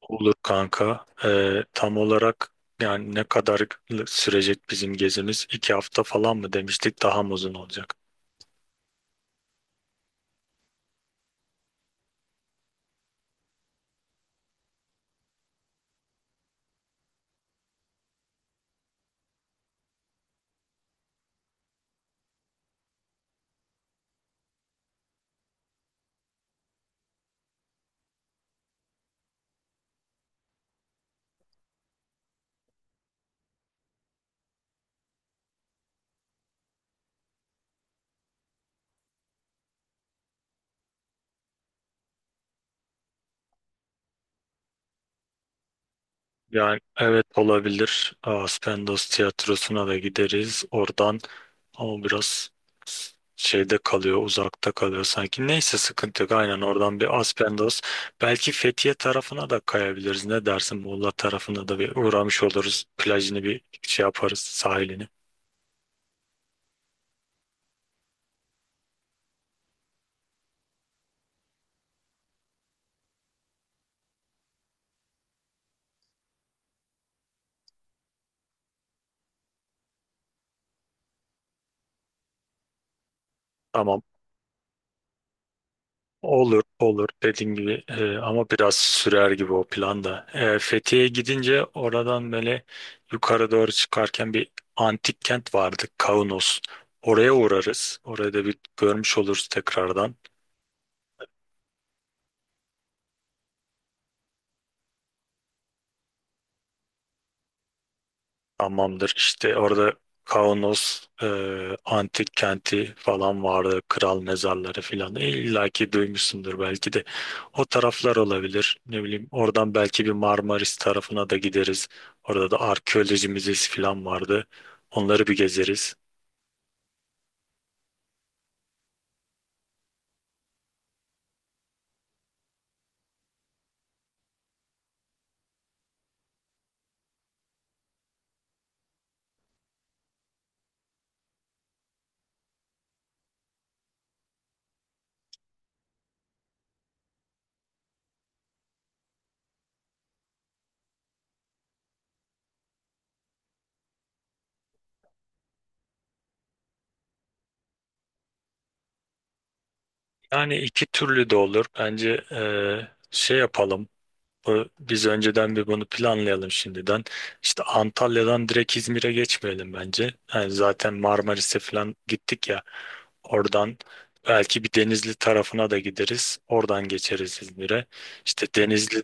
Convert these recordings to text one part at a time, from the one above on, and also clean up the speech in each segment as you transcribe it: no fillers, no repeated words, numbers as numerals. Olur kanka. Tam olarak yani ne kadar sürecek bizim gezimiz? İki hafta falan mı demiştik? Daha mı uzun olacak? Yani evet olabilir. Aspendos tiyatrosuna da gideriz. Oradan ama biraz şeyde kalıyor, uzakta kalıyor sanki. Neyse sıkıntı yok. Aynen oradan bir Aspendos. Belki Fethiye tarafına da kayabiliriz. Ne dersin? Muğla tarafına da bir uğramış oluruz. Plajını bir şey yaparız, sahilini. Tamam. Olur olur dediğin gibi ama biraz sürer gibi o planda. E, Fethiye'ye gidince oradan böyle yukarı doğru çıkarken bir antik kent vardı Kaunos. Oraya uğrarız. Orada bir görmüş oluruz tekrardan. Hamamdır işte orada Kaunos antik kenti falan vardı. Kral mezarları falan. E, İlla ki duymuşsundur belki de. O taraflar olabilir. Ne bileyim oradan belki bir Marmaris tarafına da gideriz. Orada da arkeoloji müzesi falan vardı. Onları bir gezeriz. Yani iki türlü de olur. Bence şey yapalım. Biz önceden bir bunu planlayalım şimdiden. İşte Antalya'dan direkt İzmir'e geçmeyelim bence. Yani zaten Marmaris'e falan gittik ya. Oradan belki bir Denizli tarafına da gideriz. Oradan geçeriz İzmir'e. İşte Denizli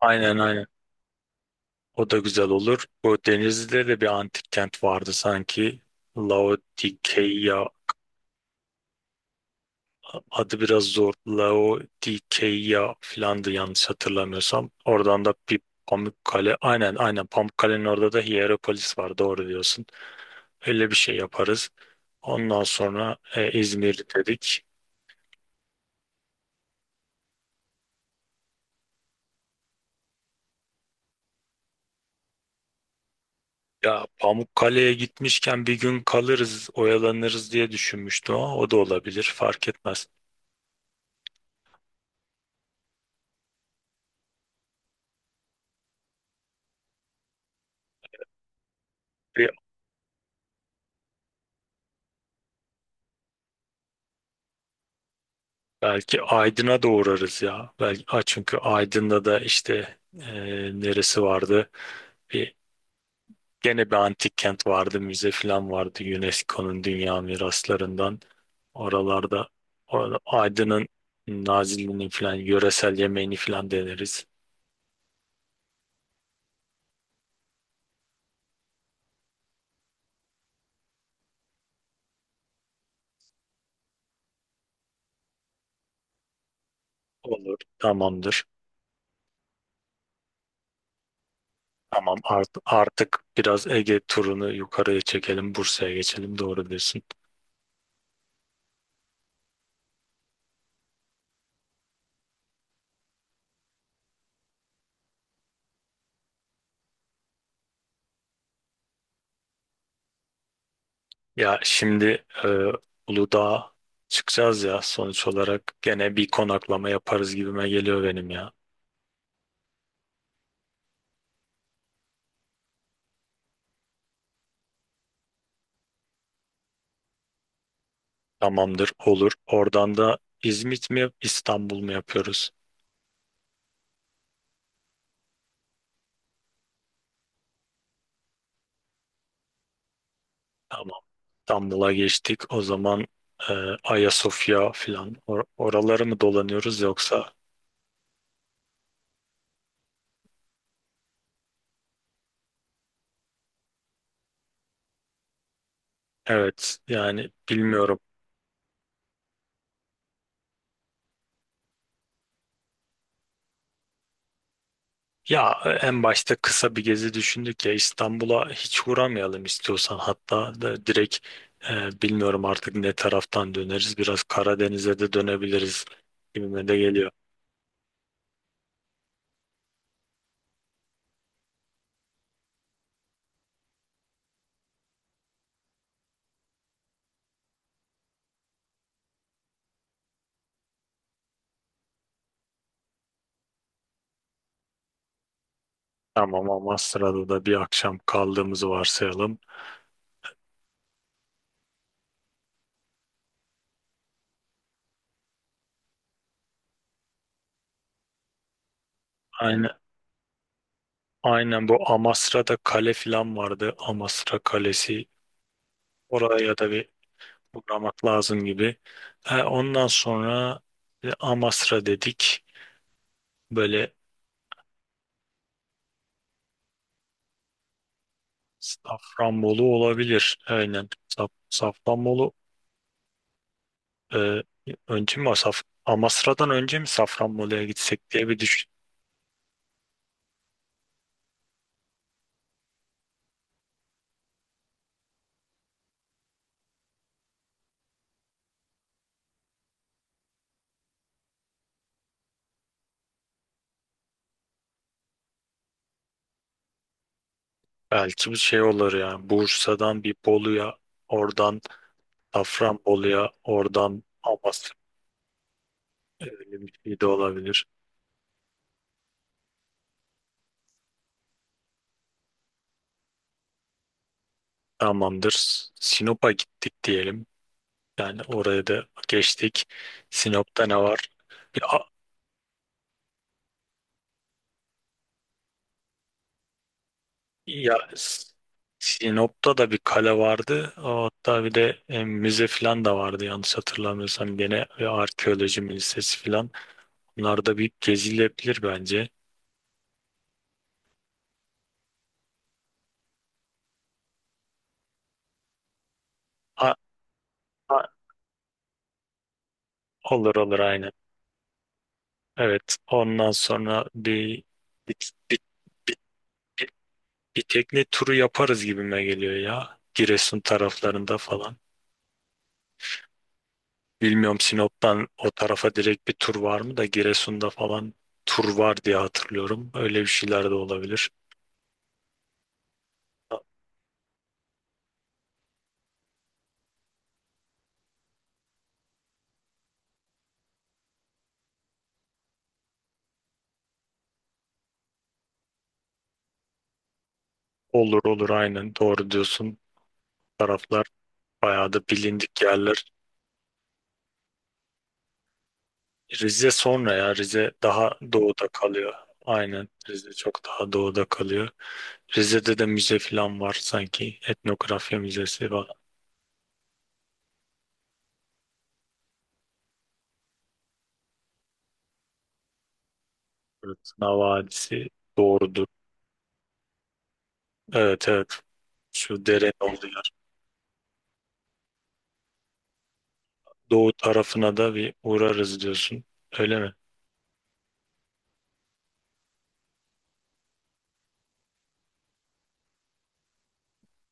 aynen aynen. O da güzel olur. Bu Denizli'de de bir antik kent vardı sanki. Laodikeya adı biraz zor. Laodikeya filandı yanlış hatırlamıyorsam. Oradan da bir Pamukkale. Aynen aynen Pamukkale'nin orada da Hierapolis var. Doğru diyorsun. Öyle bir şey yaparız. Ondan sonra İzmir dedik. Ya Pamukkale'ye gitmişken bir gün kalırız, oyalanırız diye düşünmüştüm ama o da olabilir, fark etmez. Bir- Belki Aydın'a da uğrarız ya. Belki, ha, çünkü Aydın'da da işte neresi vardı? Bir, Gene bir antik kent vardı, müze falan vardı UNESCO'nun dünya miraslarından. Oralarda orada Aydın'ın Nazilli'nin falan yöresel yemeğini falan deneriz. Olur, tamamdır. Tamam artık biraz Ege turunu yukarıya çekelim. Bursa'ya geçelim doğru diyorsun. Ya şimdi Uludağ'a çıkacağız ya sonuç olarak gene bir konaklama yaparız gibime geliyor benim ya. Tamamdır olur. Oradan da İzmit mi İstanbul mu yapıyoruz? Tamam. İstanbul'a geçtik. O zaman e, Ayasofya filan oraları mı dolanıyoruz yoksa? Evet yani bilmiyorum. Ya en başta kısa bir gezi düşündük ya İstanbul'a hiç uğramayalım istiyorsan hatta da direkt bilmiyorum artık ne taraftan döneriz biraz Karadeniz'e de dönebiliriz gibime de geliyor. Tamam Amasra'da da bir akşam kaldığımızı varsayalım. Aynen, aynen bu Amasra'da kale falan vardı Amasra Kalesi oraya da bir uğramak lazım gibi. Ondan sonra Amasra dedik böyle Safranbolu olabilir. Aynen. Safranbolu e, önce mi Saf Amasra'dan önce mi Safranbolu'ya gitsek diye bir düşün. Belki bir şey olur yani. Bursa'dan bir Bolu'ya, oradan Safranbolu'ya, oradan Amasra öyle bir şey de olabilir. Tamamdır. Sinop'a gittik diyelim. Yani oraya da geçtik. Sinop'ta ne var? Bir Ya Sinop'ta da bir kale vardı. Hatta bir de müze falan da vardı yanlış hatırlamıyorsam. Gene ve arkeoloji müzesi falan. Bunlar da bir gezilebilir bence. Ha, ha, olur olur aynen. Evet ondan sonra bir, bir, bir, bir- bir tekne turu yaparız gibime geliyor ya. Giresun taraflarında falan. Bilmiyorum Sinop'tan o tarafa direkt bir tur var mı da Giresun'da falan tur var diye hatırlıyorum. Öyle bir şeyler de olabilir. Olur olur aynen doğru diyorsun. Taraflar bayağı da bilindik yerler. Rize sonra ya Rize daha doğuda kalıyor. Aynen Rize çok daha doğuda kalıyor. Rize'de de müze falan var sanki. Etnografya müzesi var. Fırtına Vadisi doğrudur. Evet evet şu derenin olduğu yer. Doğu tarafına da bir uğrarız diyorsun. Öyle mi?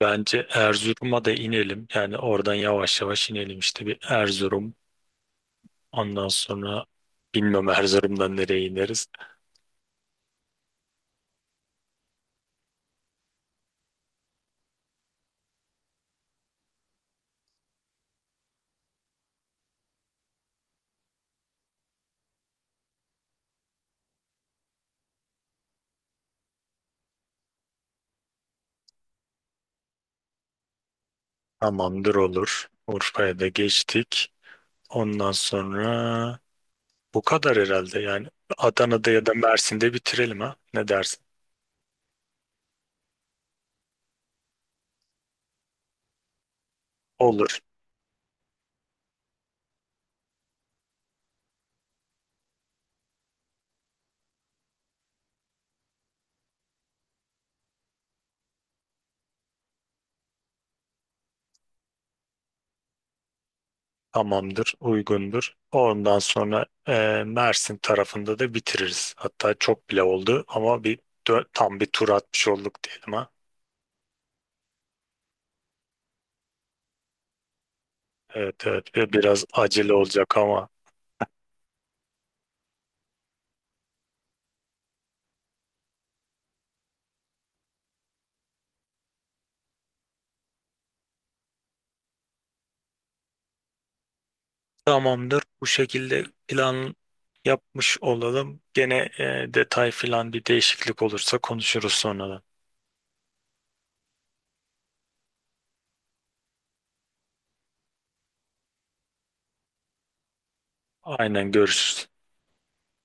Bence Erzurum'a da inelim. Yani oradan yavaş yavaş inelim işte bir Erzurum, ondan sonra bilmem Erzurum'dan nereye ineriz. Tamamdır olur. Urfa'ya da geçtik. Ondan sonra bu kadar herhalde yani. Adana'da ya da Mersin'de bitirelim ha. Ne dersin? Olur. Tamamdır. Uygundur. Ondan sonra Mersin tarafında da bitiririz. Hatta çok bile oldu ama bir tam bir tur atmış olduk diyelim ha. Evet evet, ve biraz acele olacak ama tamamdır. Bu şekilde plan yapmış olalım. Gene detay filan bir değişiklik olursa konuşuruz sonradan. Aynen görüşürüz.